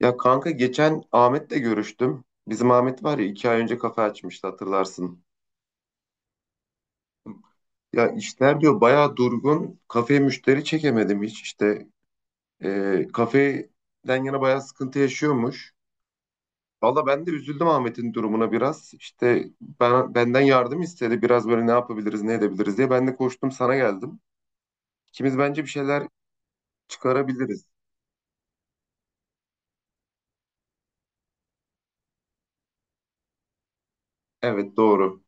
Ya kanka, geçen Ahmet'le görüştüm. Bizim Ahmet var ya, 2 ay önce kafe açmıştı, hatırlarsın. Ya, işler diyor bayağı durgun. Kafeye müşteri çekemedim hiç işte. Kafeden yana bayağı sıkıntı yaşıyormuş. Valla ben de üzüldüm Ahmet'in durumuna biraz. İşte benden yardım istedi. Biraz böyle ne yapabiliriz, ne edebiliriz diye. Ben de koştum sana geldim. İkimiz bence bir şeyler çıkarabiliriz. Evet, doğru.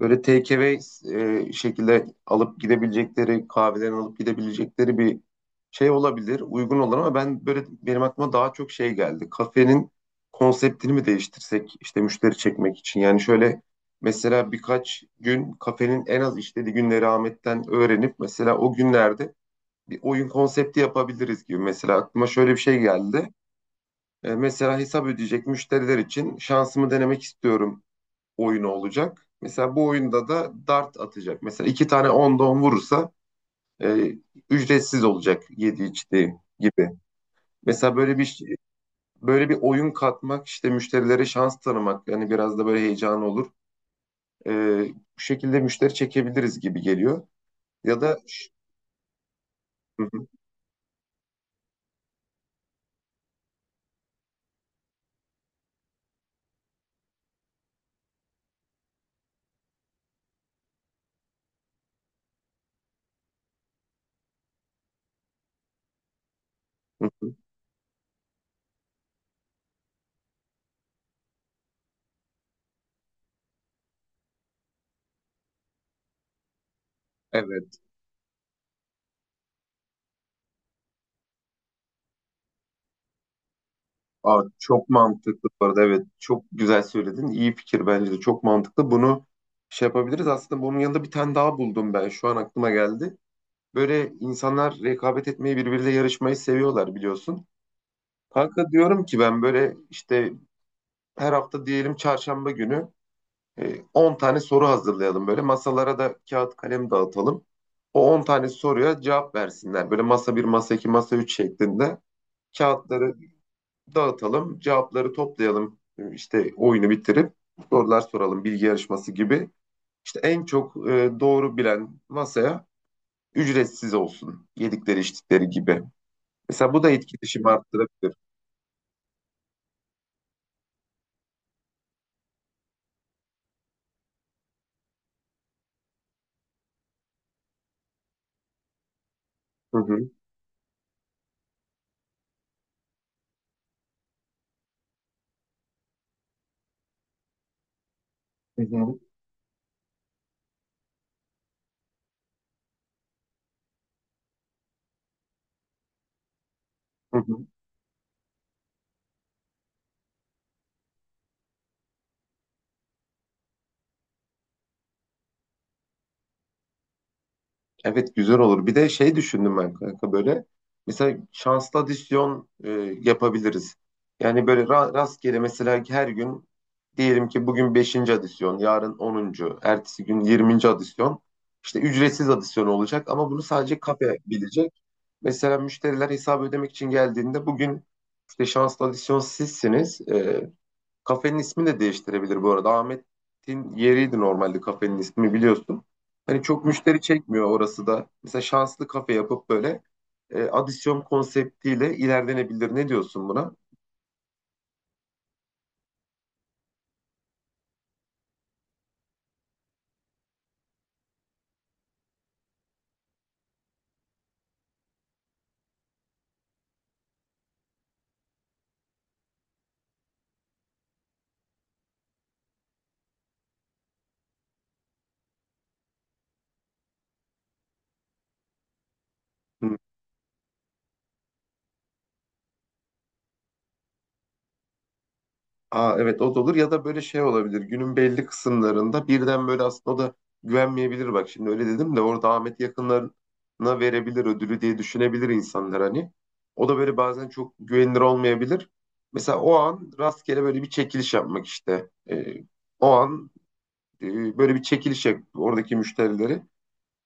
Böyle take away şekilde alıp gidebilecekleri, kahvelerini alıp gidebilecekleri bir şey olabilir, uygun olur ama ben böyle, benim aklıma daha çok şey geldi. Kafenin konseptini mi değiştirsek işte müşteri çekmek için? Yani şöyle, mesela birkaç gün kafenin en az işlediği günleri Ahmet'ten öğrenip mesela o günlerde bir oyun konsepti yapabiliriz gibi. Mesela aklıma şöyle bir şey geldi. Mesela hesap ödeyecek müşteriler için şansımı denemek istiyorum oyunu olacak. Mesela bu oyunda da dart atacak. Mesela iki tane onda 10 vurursa e, ücretsiz olacak yedi içtiği gibi. Mesela böyle bir oyun katmak işte, müşterilere şans tanımak, yani biraz da böyle heyecan olur. E, Bu şekilde müşteri çekebiliriz gibi geliyor. Ya da Hı hı, hı hı. Evet. Aa, çok mantıklı bu arada. Evet. Çok güzel söyledin. İyi fikir bence de. Çok mantıklı. Bunu şey yapabiliriz. Aslında bunun yanında bir tane daha buldum ben. Şu an aklıma geldi. Böyle insanlar rekabet etmeyi, birbiriyle yarışmayı seviyorlar biliyorsun. Kanka, diyorum ki ben böyle işte her hafta diyelim çarşamba günü 10 tane soru hazırlayalım böyle. Masalara da kağıt kalem dağıtalım. O 10 tane soruya cevap versinler. Böyle masa bir, masa iki, masa 3 şeklinde kağıtları dağıtalım, cevapları toplayalım. İşte oyunu bitirip sorular soralım bilgi yarışması gibi. İşte en çok doğru bilen masaya ücretsiz olsun. Yedikleri içtikleri gibi. Mesela bu da etkileşimi arttırabilir. Hı hı, hı hı, hı hı. Evet, güzel olur. Bir de şey düşündüm ben kanka, böyle. Mesela şanslı adisyon yapabiliriz. Yani böyle rastgele, mesela her gün diyelim ki bugün beşinci adisyon, yarın 10'uncu, ertesi gün 20'nci adisyon. İşte ücretsiz adisyon olacak ama bunu sadece kafe bilecek. Mesela müşteriler hesabı ödemek için geldiğinde bugün işte şanslı adisyon sizsiniz. Kafenin ismi de değiştirebilir bu arada. Ahmet'in yeriydi normalde kafenin ismi, biliyorsun. Hani çok müşteri çekmiyor orası da. Mesela şanslı kafe yapıp böyle adisyon konseptiyle ilerlenebilir. Ne diyorsun buna? Aa, evet, o da olur. Ya da böyle şey olabilir, günün belli kısımlarında birden böyle. Aslında o da güvenmeyebilir, bak şimdi öyle dedim de, orada Ahmet yakınlarına verebilir ödülü diye düşünebilir insanlar hani. O da böyle bazen çok güvenilir olmayabilir. Mesela o an rastgele böyle bir çekiliş yapmak işte. O an böyle bir çekiliş yap oradaki müşterileri.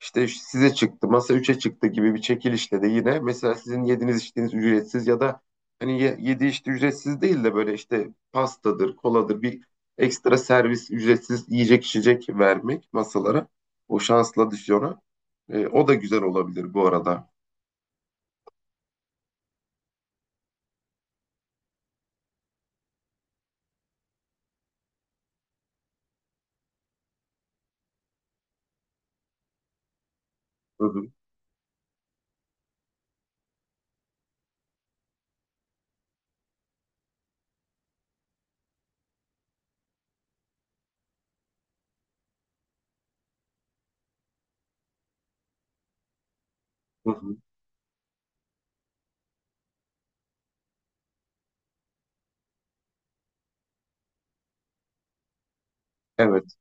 İşte size çıktı, masa üçe çıktı gibi bir çekilişle de yine mesela sizin yediğiniz içtiğiniz ücretsiz, ya da hani yedi içti ücretsiz değil de böyle işte pastadır, koladır, bir ekstra servis, ücretsiz yiyecek içecek vermek masalara. O şansla düşüyor. O da güzel olabilir bu arada. Hı hı, hı hı. Evet.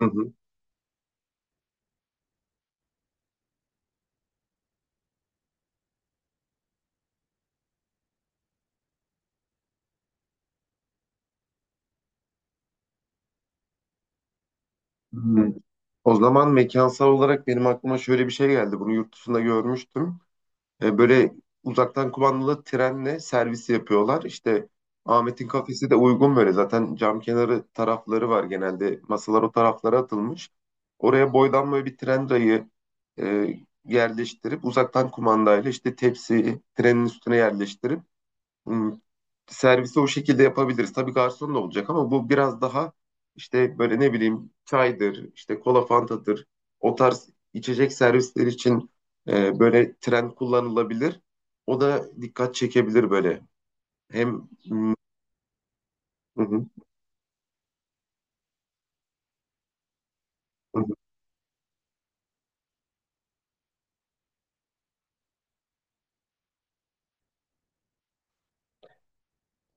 Hı hı. Hmm. O zaman mekansal olarak benim aklıma şöyle bir şey geldi. Bunu yurt dışında görmüştüm. Böyle uzaktan kumandalı trenle servis yapıyorlar. İşte Ahmet'in kafesi de uygun böyle. Zaten cam kenarı tarafları var genelde. Masalar o taraflara atılmış. Oraya boydan böyle bir tren rayı e, yerleştirip, uzaktan kumandayla işte tepsi trenin üstüne yerleştirip, hmm, servisi o şekilde yapabiliriz. Tabii garson da olacak ama bu biraz daha işte böyle, ne bileyim, çaydır, işte kola fantadır. O tarz içecek servisler için böyle tren kullanılabilir. O da dikkat çekebilir böyle. Hı hı. Hı.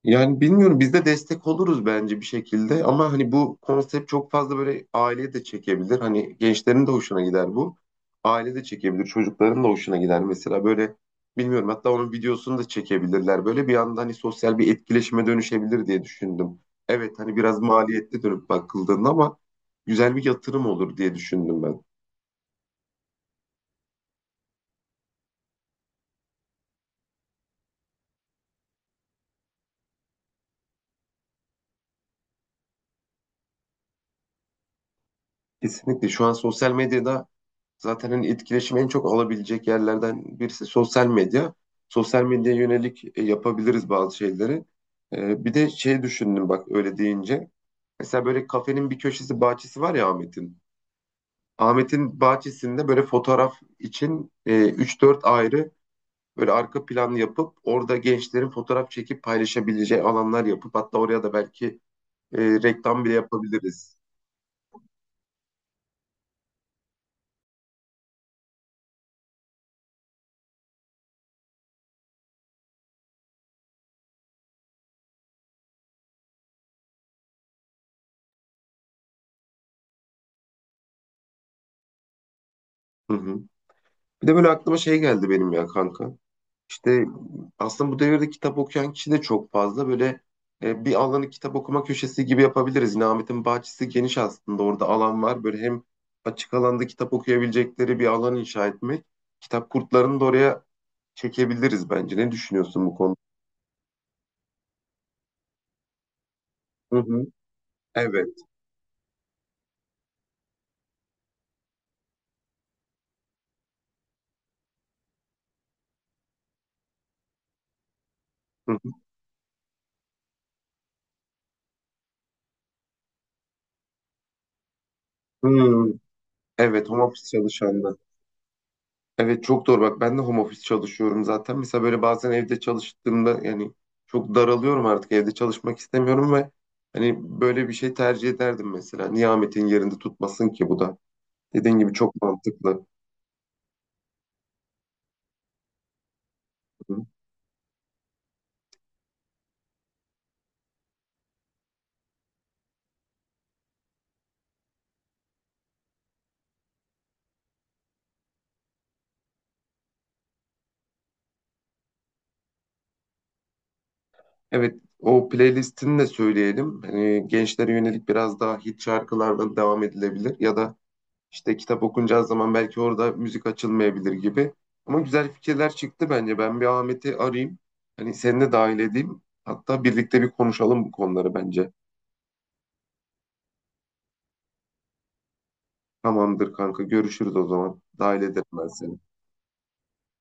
Yani bilmiyorum, biz de destek oluruz bence bir şekilde ama hani bu konsept çok fazla, böyle aileye de çekebilir. Hani gençlerin de hoşuna gider bu. Aile de çekebilir, çocukların da hoşuna gider. Mesela böyle, bilmiyorum, hatta onun videosunu da çekebilirler. Böyle bir anda hani sosyal bir etkileşime dönüşebilir diye düşündüm. Evet, hani biraz maliyetli dönüp bakıldığında ama güzel bir yatırım olur diye düşündüm ben. Kesinlikle şu an sosyal medyada. Zaten hani etkileşimi en çok alabilecek yerlerden birisi sosyal medya. Sosyal medyaya yönelik yapabiliriz bazı şeyleri. Bir de şey düşündüm bak öyle deyince. Mesela böyle kafenin bir köşesi, bahçesi var ya Ahmet'in. Ahmet'in bahçesinde böyle fotoğraf için 3-4 ayrı böyle arka plan yapıp orada gençlerin fotoğraf çekip paylaşabileceği alanlar yapıp, hatta oraya da belki e, reklam bile yapabiliriz. Hı hı. Bir de böyle aklıma şey geldi benim, ya kanka. İşte aslında bu devirde kitap okuyan kişi de çok fazla. Böyle bir alanı kitap okuma köşesi gibi yapabiliriz. Yine Ahmet'in bahçesi geniş aslında. Orada alan var. Böyle hem açık alanda kitap okuyabilecekleri bir alan inşa etmek. Kitap kurtlarını da oraya çekebiliriz bence. Ne düşünüyorsun bu konuda? Hı hı. Evet. Hı hı. Hı. Evet, home office çalışanlar. Evet, çok doğru bak, ben de home office çalışıyorum zaten. Mesela böyle bazen evde çalıştığımda, yani çok daralıyorum, artık evde çalışmak istemiyorum ve hani böyle bir şey tercih ederdim mesela. Niye Ahmet'in yerinde tutmasın ki bu da? Dediğin gibi çok mantıklı. Hı. Evet, o playlistini de söyleyelim. Hani gençlere yönelik biraz daha hit şarkılarla devam edilebilir, ya da İşte kitap okunacağı zaman belki orada müzik açılmayabilir gibi. Ama güzel fikirler çıktı bence. Ben bir Ahmet'i arayayım. Hani seni de dahil edeyim. Hatta birlikte bir konuşalım bu konuları bence. Tamamdır kanka, görüşürüz o zaman. Dahil ederim ben seni.